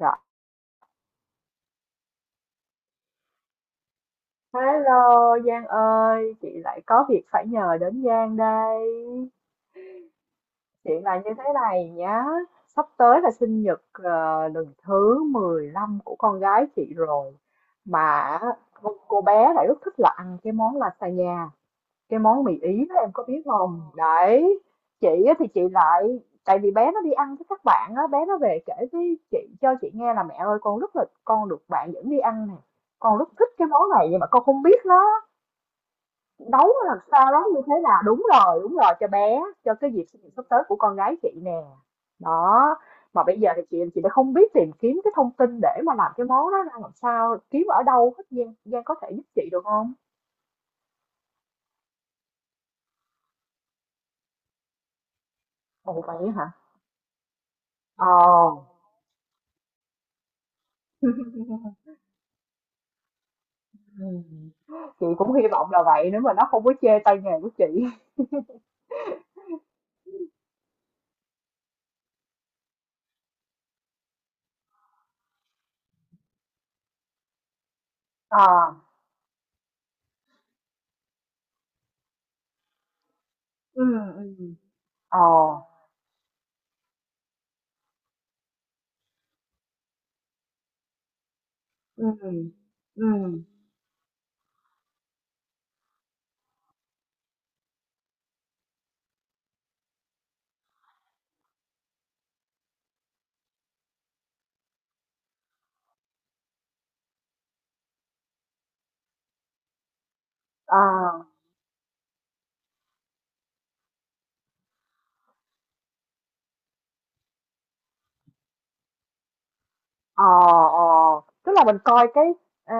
Rồi, hello Giang ơi, chị lại có việc phải nhờ đến Giang đây. Chuyện là như thế này nhá, sắp tới là sinh nhật lần thứ 15 của con gái chị rồi. Mà cô bé lại rất thích là ăn cái món lasagna, cái món mì Ý đó em có biết không? Đấy, chị á thì chị lại, tại vì bé nó đi ăn với các bạn á, bé nó về kể với chị cho chị nghe là mẹ ơi con được bạn dẫn đi ăn nè. Con rất thích cái món này nhưng mà con không biết nó nấu nó làm sao đó như thế nào, đúng rồi đúng rồi, cho bé cho cái dịp sinh nhật sắp tới của con gái chị nè đó. Mà bây giờ thì chị đã không biết tìm kiếm cái thông tin để mà làm cái món đó ra làm sao, kiếm ở đâu hết, Giang Giang có thể giúp chị được không? Ồ vậy hả? Ồ. Ừ. Chị cũng hy vọng là vậy nếu mà nó không có chê tay nghề của chị. À, ừ, ừ, ờ, ừ, ừ. À. Ờ, ờ, tức là mình coi ờ,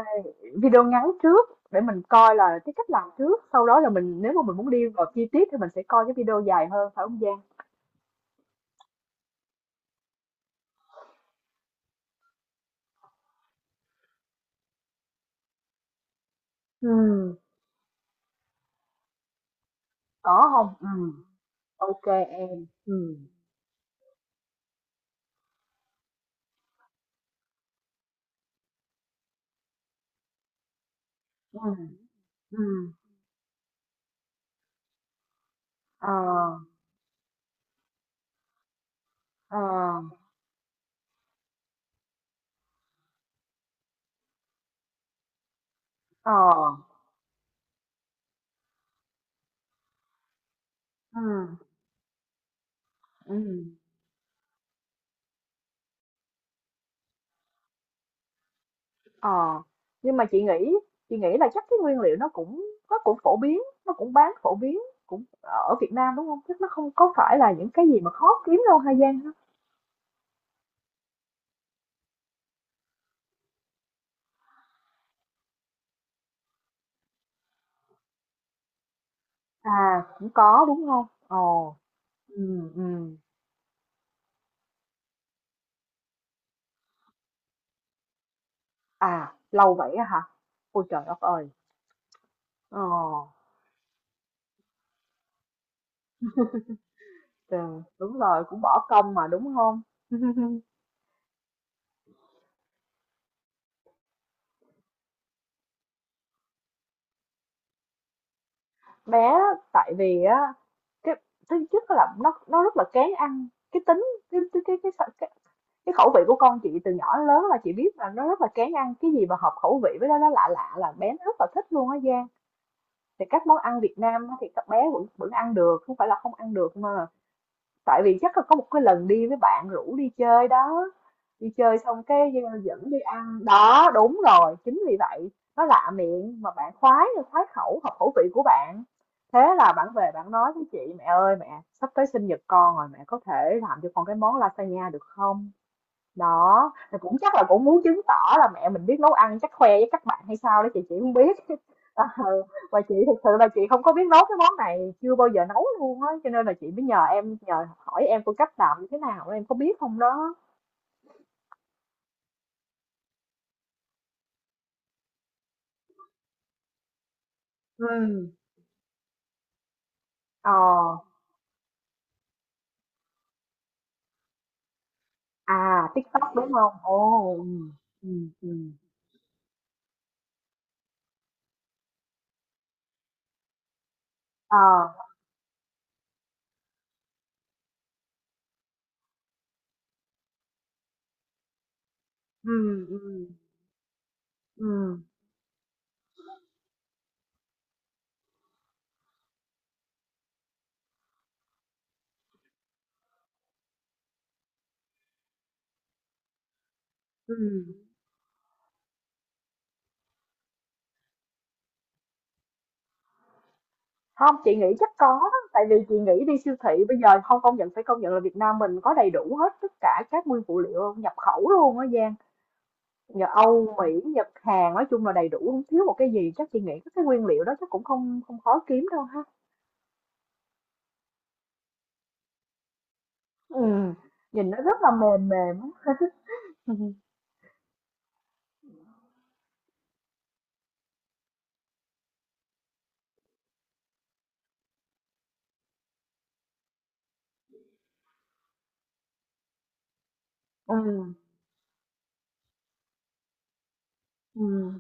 video ngắn trước để mình coi là cái cách làm trước, sau đó là mình nếu mà mình muốn đi vào chi tiết thì mình sẽ coi cái video dài hơn phải không Giang? Ừ. Có không? Ừ, OK em. Ừ, ừ. Ừm. Ờ, ờ, ờ. Ừ. Ừm. Ờ, nhưng mà chị nghĩ là chắc cái nguyên liệu nó cũng phổ biến, nó cũng bán phổ biến cũng ở Việt Nam đúng không, chắc nó không có phải là những cái gì mà khó kiếm đâu Hà Giang hả? À cũng có đúng không? Ồ. Ừ. Ừ. À lâu vậy á hả. Ôi trời đất ơi. Ờ. Trời, đúng rồi cũng bỏ công mà đúng không. Bé á, tại vì á cái thứ nhất là nó rất là kén ăn cái tính, cái cái cái cái, cái, cái khẩu vị của con chị từ nhỏ đến lớn là chị biết là nó rất là kén ăn, cái gì mà hợp khẩu vị với nó lạ lạ là bé nó rất là thích luôn á Giang. Thì các món ăn Việt Nam thì các bé vẫn vẫn ăn được, không phải là không ăn được mà tại vì chắc là có một cái lần đi với bạn rủ đi chơi đó. Đi chơi xong cái dẫn đi ăn đó, đúng rồi, chính vì vậy nó lạ miệng mà bạn khoái, khoái khẩu hợp khẩu vị của bạn. Thế là bạn về bạn nói với chị mẹ ơi mẹ sắp tới sinh nhật con rồi, mẹ có thể làm cho con cái món lasagna được không? Đó, thì cũng chắc là cũng muốn chứng tỏ là mẹ mình biết nấu ăn, chắc khoe với các bạn hay sao đó, chị không biết. Ờ, và chị thực sự là chị không có biết nấu cái món này, chưa bao giờ nấu luôn á, cho nên là chị mới nhờ em, nhờ hỏi em phương cách làm như thế nào, em có biết không đó. Ừ. Ờ, à TikTok đúng không? Ồ, ừ, ừ, ừ. Ờ, ừ, ừ, ừ, ừ. Không, chị nghĩ chắc có, tại vì chị nghĩ đi siêu thị bây giờ không, công nhận phải công nhận là Việt Nam mình có đầy đủ hết tất cả các nguyên phụ liệu nhập khẩu luôn á Giang. Nhờ Âu Mỹ Nhật Hàn nói chung là đầy đủ không thiếu một cái gì, chắc chị nghĩ các cái nguyên liệu đó chắc cũng không không khó kiếm đâu ha. Ừ. Nhìn nó rất là mềm mềm á. Ừ. Ừ. Ừ.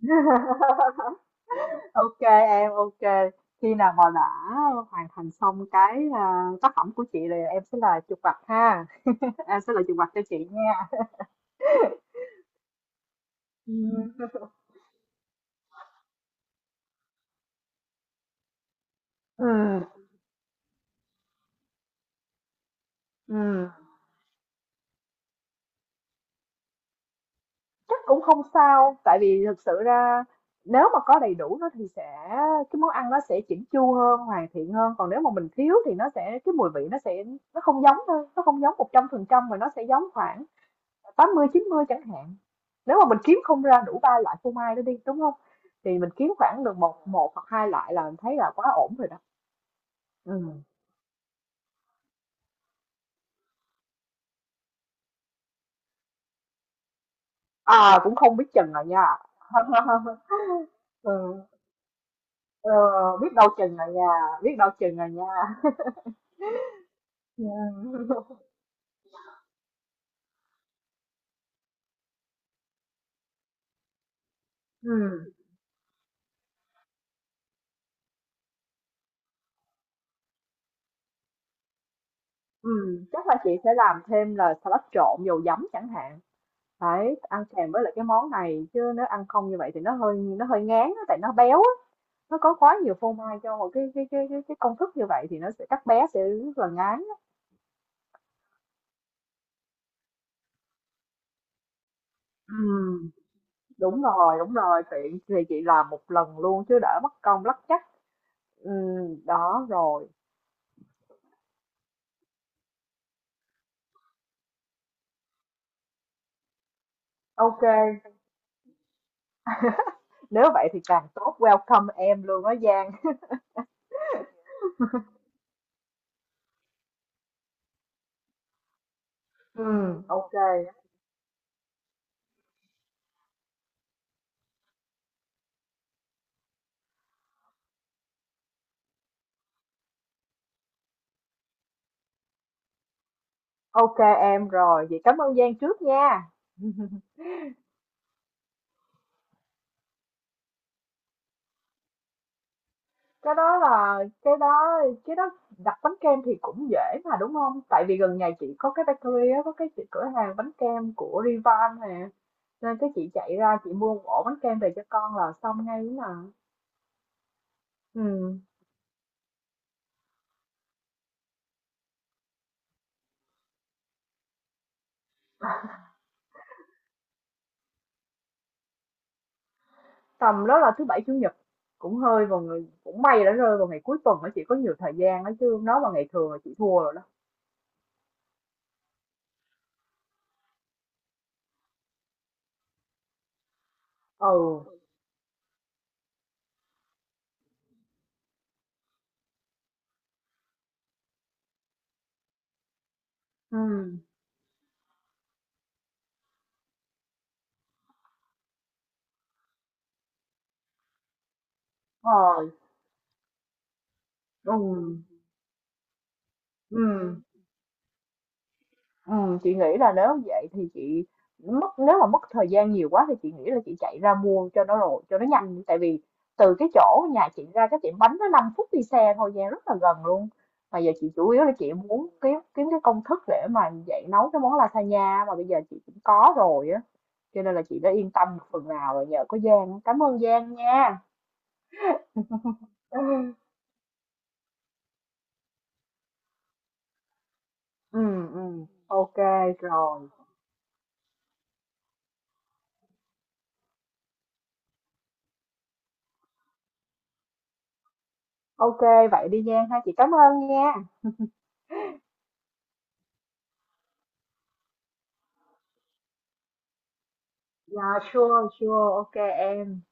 Ok em, ok, khi nào mà đã hoàn thành xong tác phẩm của chị thì em sẽ là chụp mặt ha. Em sẽ là chụp mặt cho chị nha. Ừ. Ừ. Ừm, chắc cũng không sao, tại vì thực sự ra nếu mà có đầy đủ nó thì sẽ cái món ăn nó sẽ chỉnh chu hơn, hoàn thiện hơn. Còn nếu mà mình thiếu thì nó sẽ cái mùi vị nó sẽ nó không giống thôi, nó không giống 100% mà nó sẽ giống khoảng 80 90 chẳng hạn. Nếu mà mình kiếm không ra đủ ba loại phô mai đó đi, đúng không? Thì mình kiếm khoảng được một một hoặc hai loại là mình thấy là quá ổn rồi đó. Ừ. À cũng không biết chừng rồi nha. Ừ. Ờ, biết đâu chừng rồi nha, biết đâu chừng rồi nha. Yeah. Ừ, ừ, chắc là chị sẽ làm thêm là salad trộn dầu giấm chẳng hạn. Đấy, ăn kèm với lại cái món này chứ nếu ăn không như vậy thì nó hơi ngán á, tại nó béo á. Nó có quá nhiều phô mai cho một cái công thức như vậy thì nó sẽ các bé sẽ rất là ngán. Á. Ừ, đúng rồi, tiện thì chị làm một lần luôn chứ đỡ mất công lắc chắc. Ừ, đó rồi. Ok, nếu vậy thì càng tốt, welcome em luôn á Giang. Ừ, ok. Ok em rồi, vậy cảm ơn Giang trước nha. Cái đó là cái đó cái đó đặt bánh kem thì cũng dễ mà đúng không? Tại vì gần nhà chị có cái bakery á, có cái chị- cửa hàng bánh kem của Rivan nè. Nên cái chị chạy ra chị mua một ổ bánh kem về cho con là xong ngay ấy mà. Ừ. Tầm đó là thứ bảy chủ nhật cũng hơi vào người cũng may đã rơi vào ngày cuối tuần đó chị có nhiều thời gian đó chứ. Nó vào ngày thường là chị thua rồi đó. Ừ. Ừ. Rồi. Ừ. Ừ. Ừ, chị nghĩ là nếu vậy thì chị mất, nếu mà mất thời gian nhiều quá thì chị nghĩ là chị chạy ra mua cho nó rồi cho nó nhanh, tại vì từ cái chỗ nhà chị ra cái tiệm bánh nó 5 phút đi xe thôi nha, rất là gần luôn. Mà giờ chị chủ yếu là chị muốn kiếm kiếm cái công thức để mà dạy nấu cái món lasagna mà bây giờ chị cũng có rồi á, cho nên là chị đã yên tâm một phần nào rồi, nhờ có Giang, cảm ơn Giang nha. Ừ, ừ, ừ. Ok rồi. Ok, vậy đi Giang ha, chị cảm ơn nha. Yeah, sure, sure, ok em.